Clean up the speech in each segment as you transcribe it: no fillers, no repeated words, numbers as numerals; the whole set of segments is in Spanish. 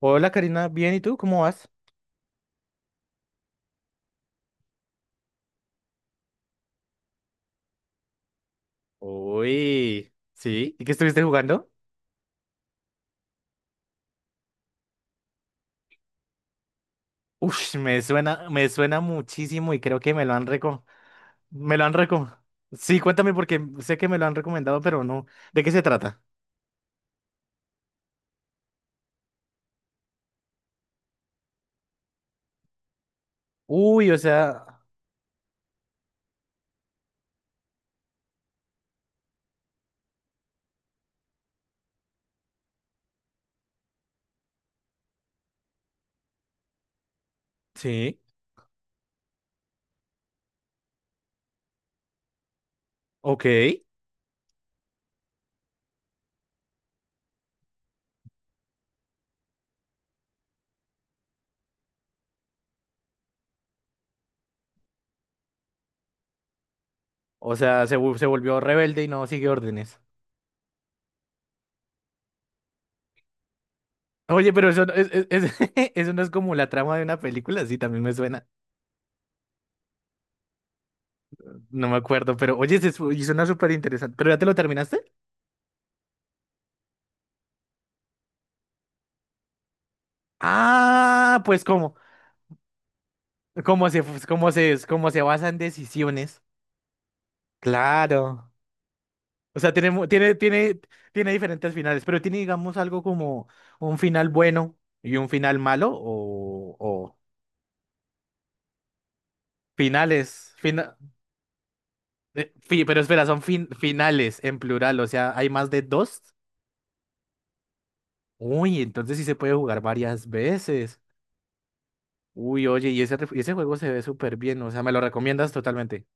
Hola Karina, bien, ¿y tú? ¿Cómo vas? Uy, sí, ¿y qué estuviste jugando? Ush, me suena muchísimo y creo que me lo han reco. Sí, cuéntame porque sé que me lo han recomendado, pero no. ¿De qué se trata? Uy, o sea, sí, ok. O sea, se, se volvió rebelde y no sigue órdenes. Oye, pero eso, eso no es como la trama de una película, sí, también me suena. No me acuerdo, pero oye, y suena súper interesante. ¿Pero ya te lo terminaste? Ah, pues ¿cómo? Cómo se basan decisiones. Claro. O sea, tiene diferentes finales, pero tiene, digamos, algo como un final bueno y un final malo, o finales, fina- pero espera, son finales en plural, o sea, hay más de dos. Uy, entonces sí se puede jugar varias veces. Uy, oye, y ese, ese juego se ve súper bien, o sea, me lo recomiendas totalmente.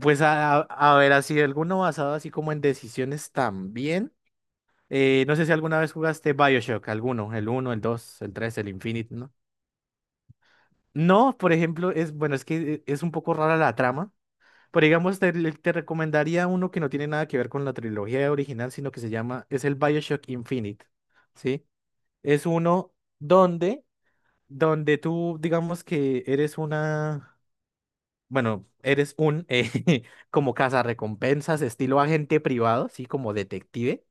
Pues a ver, así, alguno basado así como en decisiones también. No sé si alguna vez jugaste Bioshock, alguno, el uno el 2 el 3 el Infinite, ¿no? No, por ejemplo, es, bueno, es que es un poco rara la trama, pero digamos, te recomendaría uno que no tiene nada que ver con la trilogía original, sino que se llama, es el Bioshock Infinite, ¿sí? Es uno donde, donde tú, digamos que eres una, bueno, eres un, como cazarrecompensas, estilo agente privado, ¿sí? Como detective.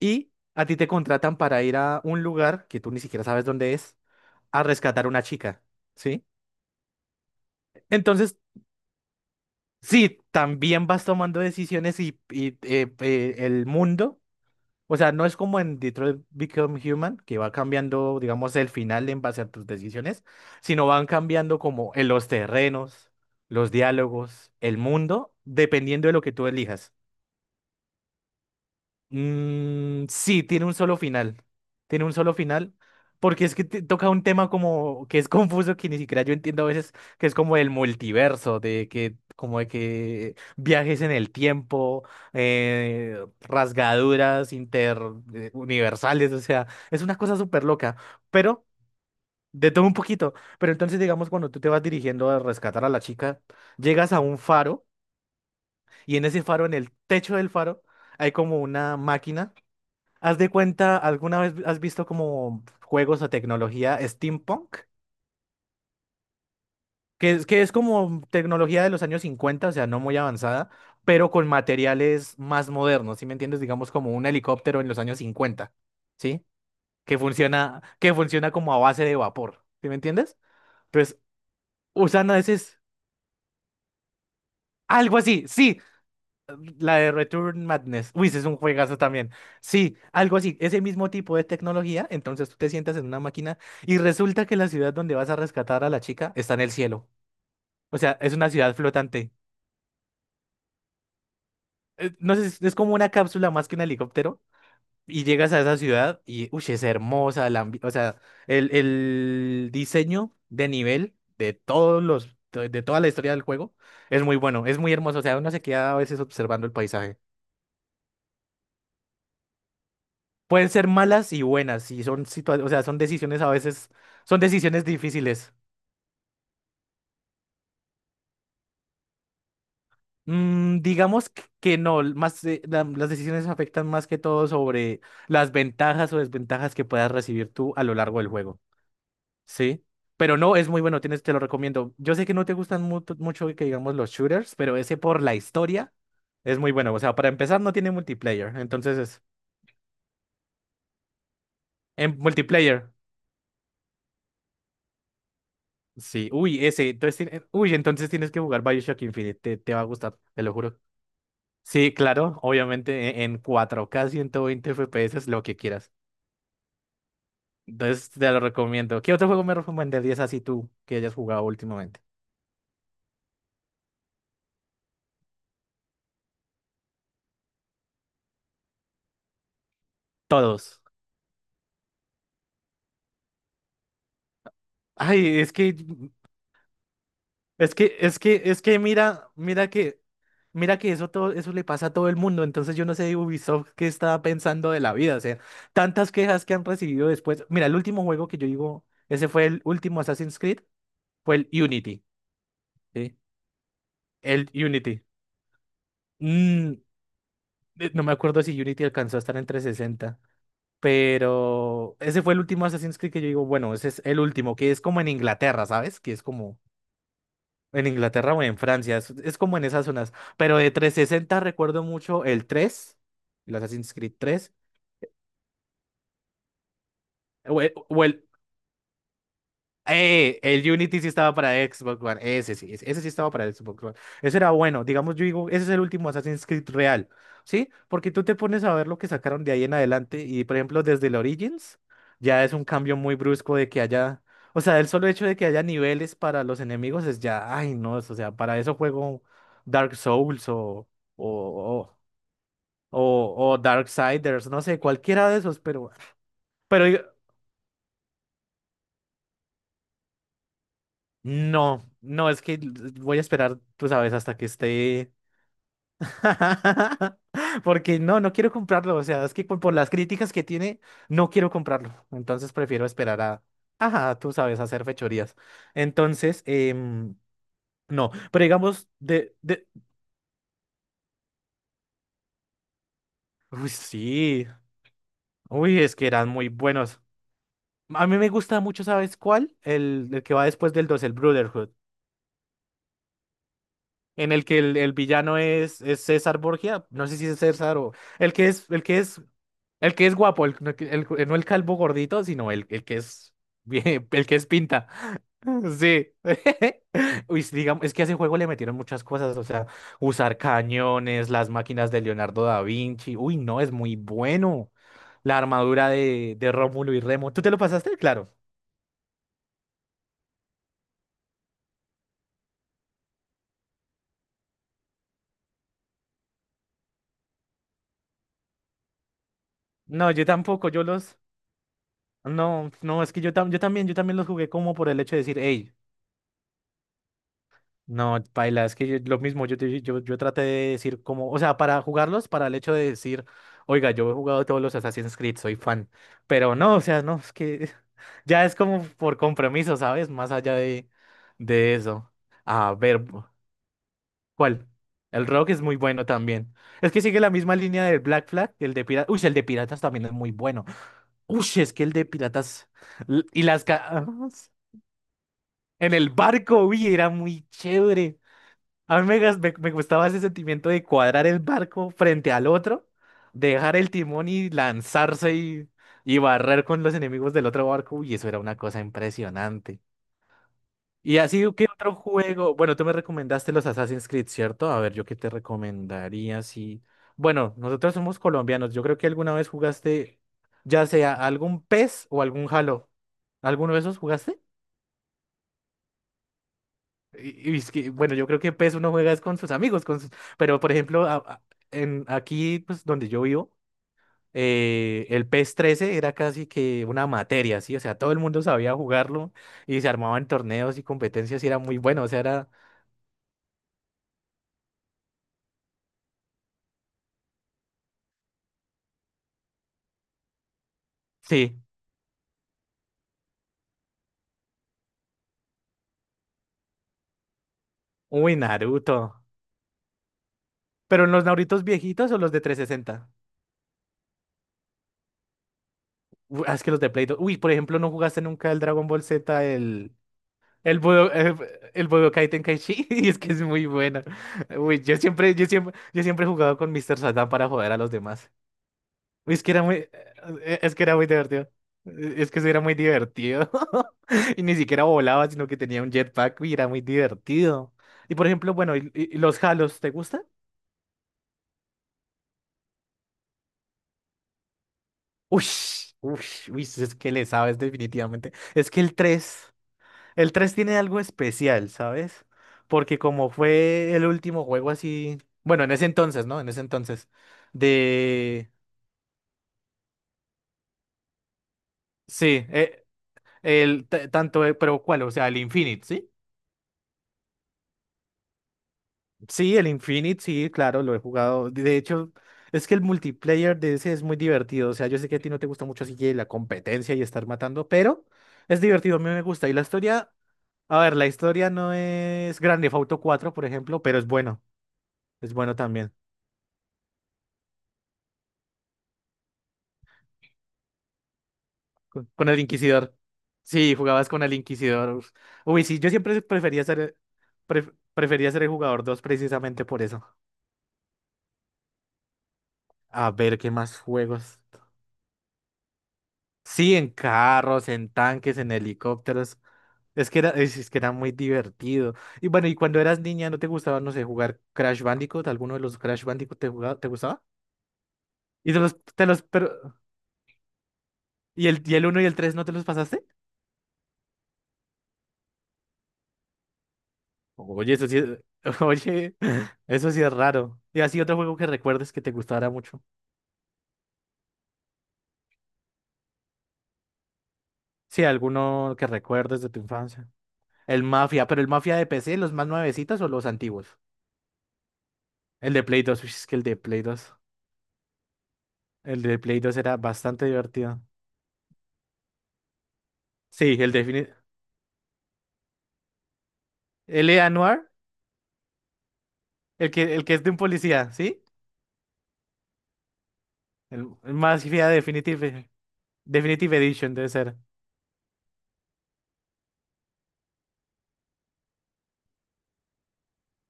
Y a ti te contratan para ir a un lugar que tú ni siquiera sabes dónde es, a rescatar a una chica, ¿sí? Entonces, sí, también vas tomando decisiones y el mundo, o sea, no es como en Detroit Become Human, que va cambiando, digamos, el final en base a tus decisiones, sino van cambiando como en los terrenos, los diálogos, el mundo, dependiendo de lo que tú elijas. Mm, sí, tiene un solo final. Tiene un solo final. Porque es que toca un tema como que es confuso, que ni siquiera yo entiendo a veces, que es como el multiverso, de que, como de que viajes en el tiempo, rasgaduras interuniversales, o sea, es una cosa súper loca. Pero, de todo un poquito. Pero entonces, digamos, cuando tú te vas dirigiendo a rescatar a la chica, llegas a un faro, y en ese faro, en el techo del faro, hay como una máquina. Haz de cuenta, ¿alguna vez has visto como juegos o tecnología steampunk? Que es como tecnología de los años cincuenta, o sea, no muy avanzada, pero con materiales más modernos, ¿sí me entiendes? Digamos como un helicóptero en los años cincuenta, ¿sí? Que funciona como a base de vapor, ¿sí me entiendes? Pues usan a veces algo así, sí. La de Return Madness. Uy, ese es un juegazo también. Sí, algo así, ese mismo tipo de tecnología. Entonces tú te sientas en una máquina y resulta que la ciudad donde vas a rescatar a la chica está en el cielo. O sea, es una ciudad flotante. No sé, es como una cápsula más que un helicóptero. Y llegas a esa ciudad y, uy, es hermosa. O sea, el diseño de nivel de de toda la historia del juego es muy bueno, es muy hermoso. O sea, uno se queda a veces observando el paisaje. Pueden ser malas y buenas, y son o sea, son decisiones a veces, son decisiones difíciles. Mm, digamos que no, más las decisiones afectan más que todo sobre las ventajas o desventajas que puedas recibir tú a lo largo del juego, ¿sí? Pero no, es muy bueno, tienes, te lo recomiendo. Yo sé que no te gustan mucho que digamos los shooters, pero ese por la historia es muy bueno. O sea, para empezar no tiene multiplayer, entonces es en multiplayer. Sí, uy, ese, entonces, uy, entonces tienes que jugar BioShock Infinite, te va a gustar, te lo juro. Sí, claro, obviamente en 4K 120 FPS es lo que quieras. Entonces te lo recomiendo. ¿Qué otro juego me recomendarías así tú que hayas jugado últimamente? Todos. Ay, es que mira, mira que eso todo, eso le pasa a todo el mundo. Entonces yo no sé Ubisoft qué estaba pensando de la vida. O sea, tantas quejas que han recibido después. Mira, el último juego que yo digo, ese fue el último Assassin's Creed. Fue el Unity, ¿sí? El Unity. Mm, no me acuerdo si Unity alcanzó a estar en 360, pero ese fue el último Assassin's Creed que yo digo, bueno, ese es el último, que es como en Inglaterra, ¿sabes? Que es como en Inglaterra o en Francia, es como en esas zonas. Pero de 360 recuerdo mucho el tres, el Assassin's Creed 3 o el. El Unity sí estaba para Xbox One. Ese sí, ese sí estaba para Xbox One. Ese era bueno. Digamos, yo digo, ese es el último Assassin's Creed real, ¿sí? Porque tú te pones a ver lo que sacaron de ahí en adelante y, por ejemplo, desde el Origins, ya es un cambio muy brusco de que haya, o sea, el solo hecho de que haya niveles para los enemigos es ya, ay, no, o sea, para eso juego Dark Souls o, o, o Darksiders, no sé, cualquiera de esos, pero... Pero no, no, es que voy a esperar, pues, a veces hasta que esté. Porque no, no quiero comprarlo. O sea, es que por las críticas que tiene, no quiero comprarlo. Entonces prefiero esperar a. Ajá, tú sabes, a hacer fechorías. Entonces, no. Pero digamos, de. Uy, sí. Uy, es que eran muy buenos. A mí me gusta mucho, ¿sabes cuál? El que va después del 2, el Brotherhood. En el que el villano es César Borgia. No sé si es César o. El que es, el que es. El que es guapo, no el calvo gordito, sino el que es bien, el que es pinta. Sí. Uy, sí, digamos, es que a ese juego le metieron muchas cosas, o sea, usar cañones, las máquinas de Leonardo da Vinci. Uy, no, es muy bueno. La armadura de Rómulo y Remo. ¿Tú te lo pasaste? Claro. No, yo tampoco, yo los... No, no, es que yo también los jugué como por el hecho de decir, hey. No, paila, es que lo mismo, yo traté de decir como, o sea, para jugarlos, para el hecho de decir, oiga, yo he jugado todos los Assassin's Creed, soy fan, pero no, o sea, no, es que ya es como por compromiso, ¿sabes? Más allá de eso. A ver, ¿cuál? El Rock es muy bueno también. Es que sigue la misma línea del Black Flag, el de Piratas, uy, el de Piratas también es muy bueno. Uy, es que el de Piratas l- y las... ca- En el barco, uy, era muy chévere. A mí me gustaba ese sentimiento de cuadrar el barco frente al otro, dejar el timón y lanzarse y barrer con los enemigos del otro barco. Y eso era una cosa impresionante. Y así, ¿qué otro juego? Bueno, tú me recomendaste los Assassin's Creed, ¿cierto? A ver, yo qué te recomendaría si... Bueno, nosotros somos colombianos. Yo creo que alguna vez jugaste, ya sea algún PES o algún Halo. ¿Alguno de esos jugaste? Y es que, bueno, yo creo que PES uno juega es con sus amigos, con sus. Por ejemplo, aquí pues, donde yo vivo, el PES 13 era casi que una materia, ¿sí? O sea, todo el mundo sabía jugarlo y se armaban torneos y competencias y era muy bueno, o sea, era, sí, uy, Naruto. Pero en los Narutos viejitos o los de 360, uy, ah, es que los de Play 2, uy, por ejemplo, ¿no jugaste nunca el Dragon Ball Z, el El Budo, el Budokai Tenkaichi, y es que es muy buena. Uy, yo siempre he jugado con Mr. Satan para joder a los demás. Uy, es que era muy, es que era muy divertido. Es que eso era muy divertido. Y ni siquiera volaba, sino que tenía un jetpack y era muy divertido. Y por ejemplo, bueno, y los Halos, ¿te gustan? Uy, uy, Uy, es que le sabes definitivamente. Es que el tres. El 3 tiene algo especial, ¿sabes? Porque como fue el último juego así, bueno, en ese entonces, ¿no? En ese entonces, de... Sí, el tanto, pero ¿cuál? O sea, el Infinite, ¿sí? Sí, el Infinite, sí, claro, lo he jugado. De hecho, es que el multiplayer de ese es muy divertido. O sea, yo sé que a ti no te gusta mucho así que la competencia y estar matando, pero es divertido, a mí me gusta. Y la historia, a ver, la historia no es Grand Theft Auto 4, por ejemplo, pero es bueno también. Con el Inquisidor. Sí, jugabas con el Inquisidor. Uf. Uy, sí, yo siempre prefería ser el jugador 2 precisamente por eso. A ver, ¿qué más juegos? Sí, en carros, en tanques, en helicópteros. Es que era muy divertido. Y bueno, y cuando eras niña, ¿no te gustaba, no sé, jugar Crash Bandicoot? ¿Alguno de los Crash Bandicoot te jugaba, te gustaba? Pero, ¿y el uno y el 3 no te los pasaste? Oye, eso sí, es- Oye, eso sí es raro. ¿Y así otro juego que recuerdes que te gustara mucho? Sí, alguno que recuerdes de tu infancia. El Mafia, pero el Mafia de PC, ¿los más nuevecitos o los antiguos? El de Play 2 uy, es que el de Play 2 el de Play 2 era bastante divertido. Sí, L.A. Noir, el que es de un policía, ¿sí? El Mafia Definitive Edition debe ser.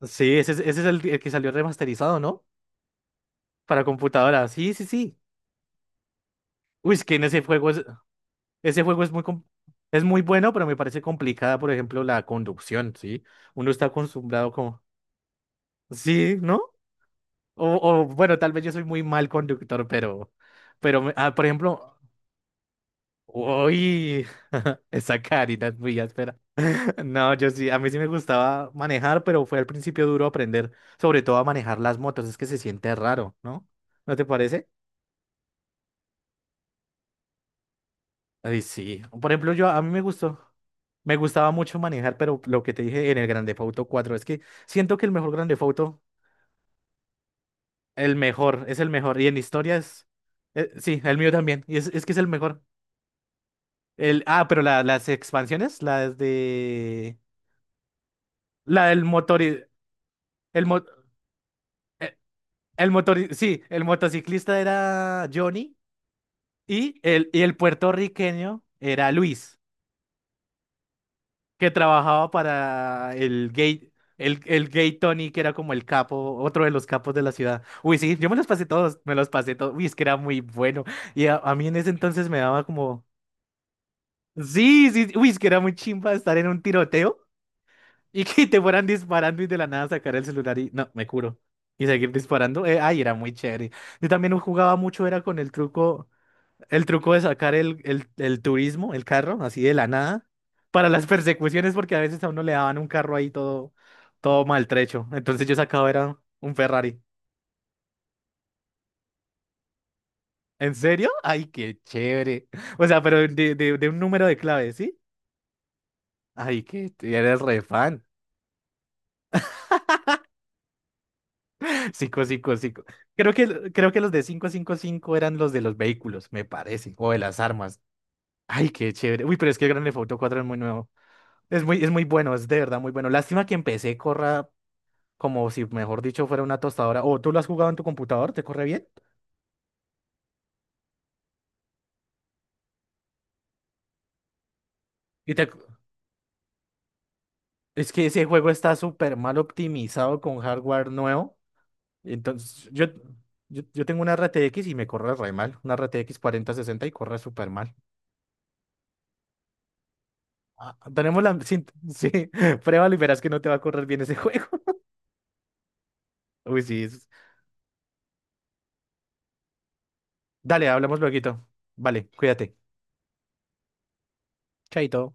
Sí, ese es el que salió remasterizado, ¿no? Para computadora. Sí, sí, sí. Uy, es que en ese juego es, ese juego es muy bueno, pero me parece complicada, por ejemplo, la conducción, ¿sí? Uno está acostumbrado. Sí, ¿no? Bueno, tal vez yo soy muy mal conductor, por ejemplo, uy, esa carita es muy áspera. No, a mí sí me gustaba manejar, pero fue al principio duro aprender, sobre todo a manejar las motos, es que se siente raro, ¿no? ¿No te parece? Ay, sí. Por ejemplo, a mí me gustaba mucho manejar, pero lo que te dije en el Grand Theft Auto 4, es que siento que el mejor Grand Theft Auto, es el mejor, y en historias, sí, el mío también, y es que es el mejor. Pero las expansiones, las de... La del motor... El, mo- eh, Sí, el motociclista era Johnny y el puertorriqueño era Luis, que trabajaba para el gay. El gay Tony, que era como el capo, otro de los capos de la ciudad. Uy, sí, yo me los pasé todos, me los pasé todos. Uy, es que era muy bueno. Y a mí en ese entonces me daba como... Sí, sí, uy, es que era muy chimba estar en un tiroteo. Y que te fueran disparando y de la nada sacar el celular y no, me curo. Y seguir disparando. Ay, era muy chévere. Yo también jugaba mucho, era con el truco de sacar el turismo, el carro, así de la nada, para las persecuciones, porque a veces a uno le daban un carro ahí todo, todo maltrecho. Entonces yo sacaba era un Ferrari. ¿En serio? Ay, qué chévere. O sea, pero de un número de clave, ¿sí? Ay, que eres re fan. 555. Creo que los de 555 eran los de los vehículos, me parece, o de las armas. Ay, qué chévere. Uy, pero es que el Grand Theft Auto 4 es muy nuevo. Es muy bueno, es de verdad muy bueno. Lástima que empecé corra como si, mejor dicho, fuera una tostadora. O tú lo has jugado en tu computador, ¿te corre bien? Y te- Es que ese juego está súper mal optimizado con hardware nuevo. Entonces, yo tengo una RTX y me corre re mal. Una RTX 60 y corre súper mal. Ah, tenemos la... Sí, sí. Pruébalo y verás que no te va a correr bien ese juego. Uy, sí. Dale, hablamos lueguito. Vale, cuídate. Chaito.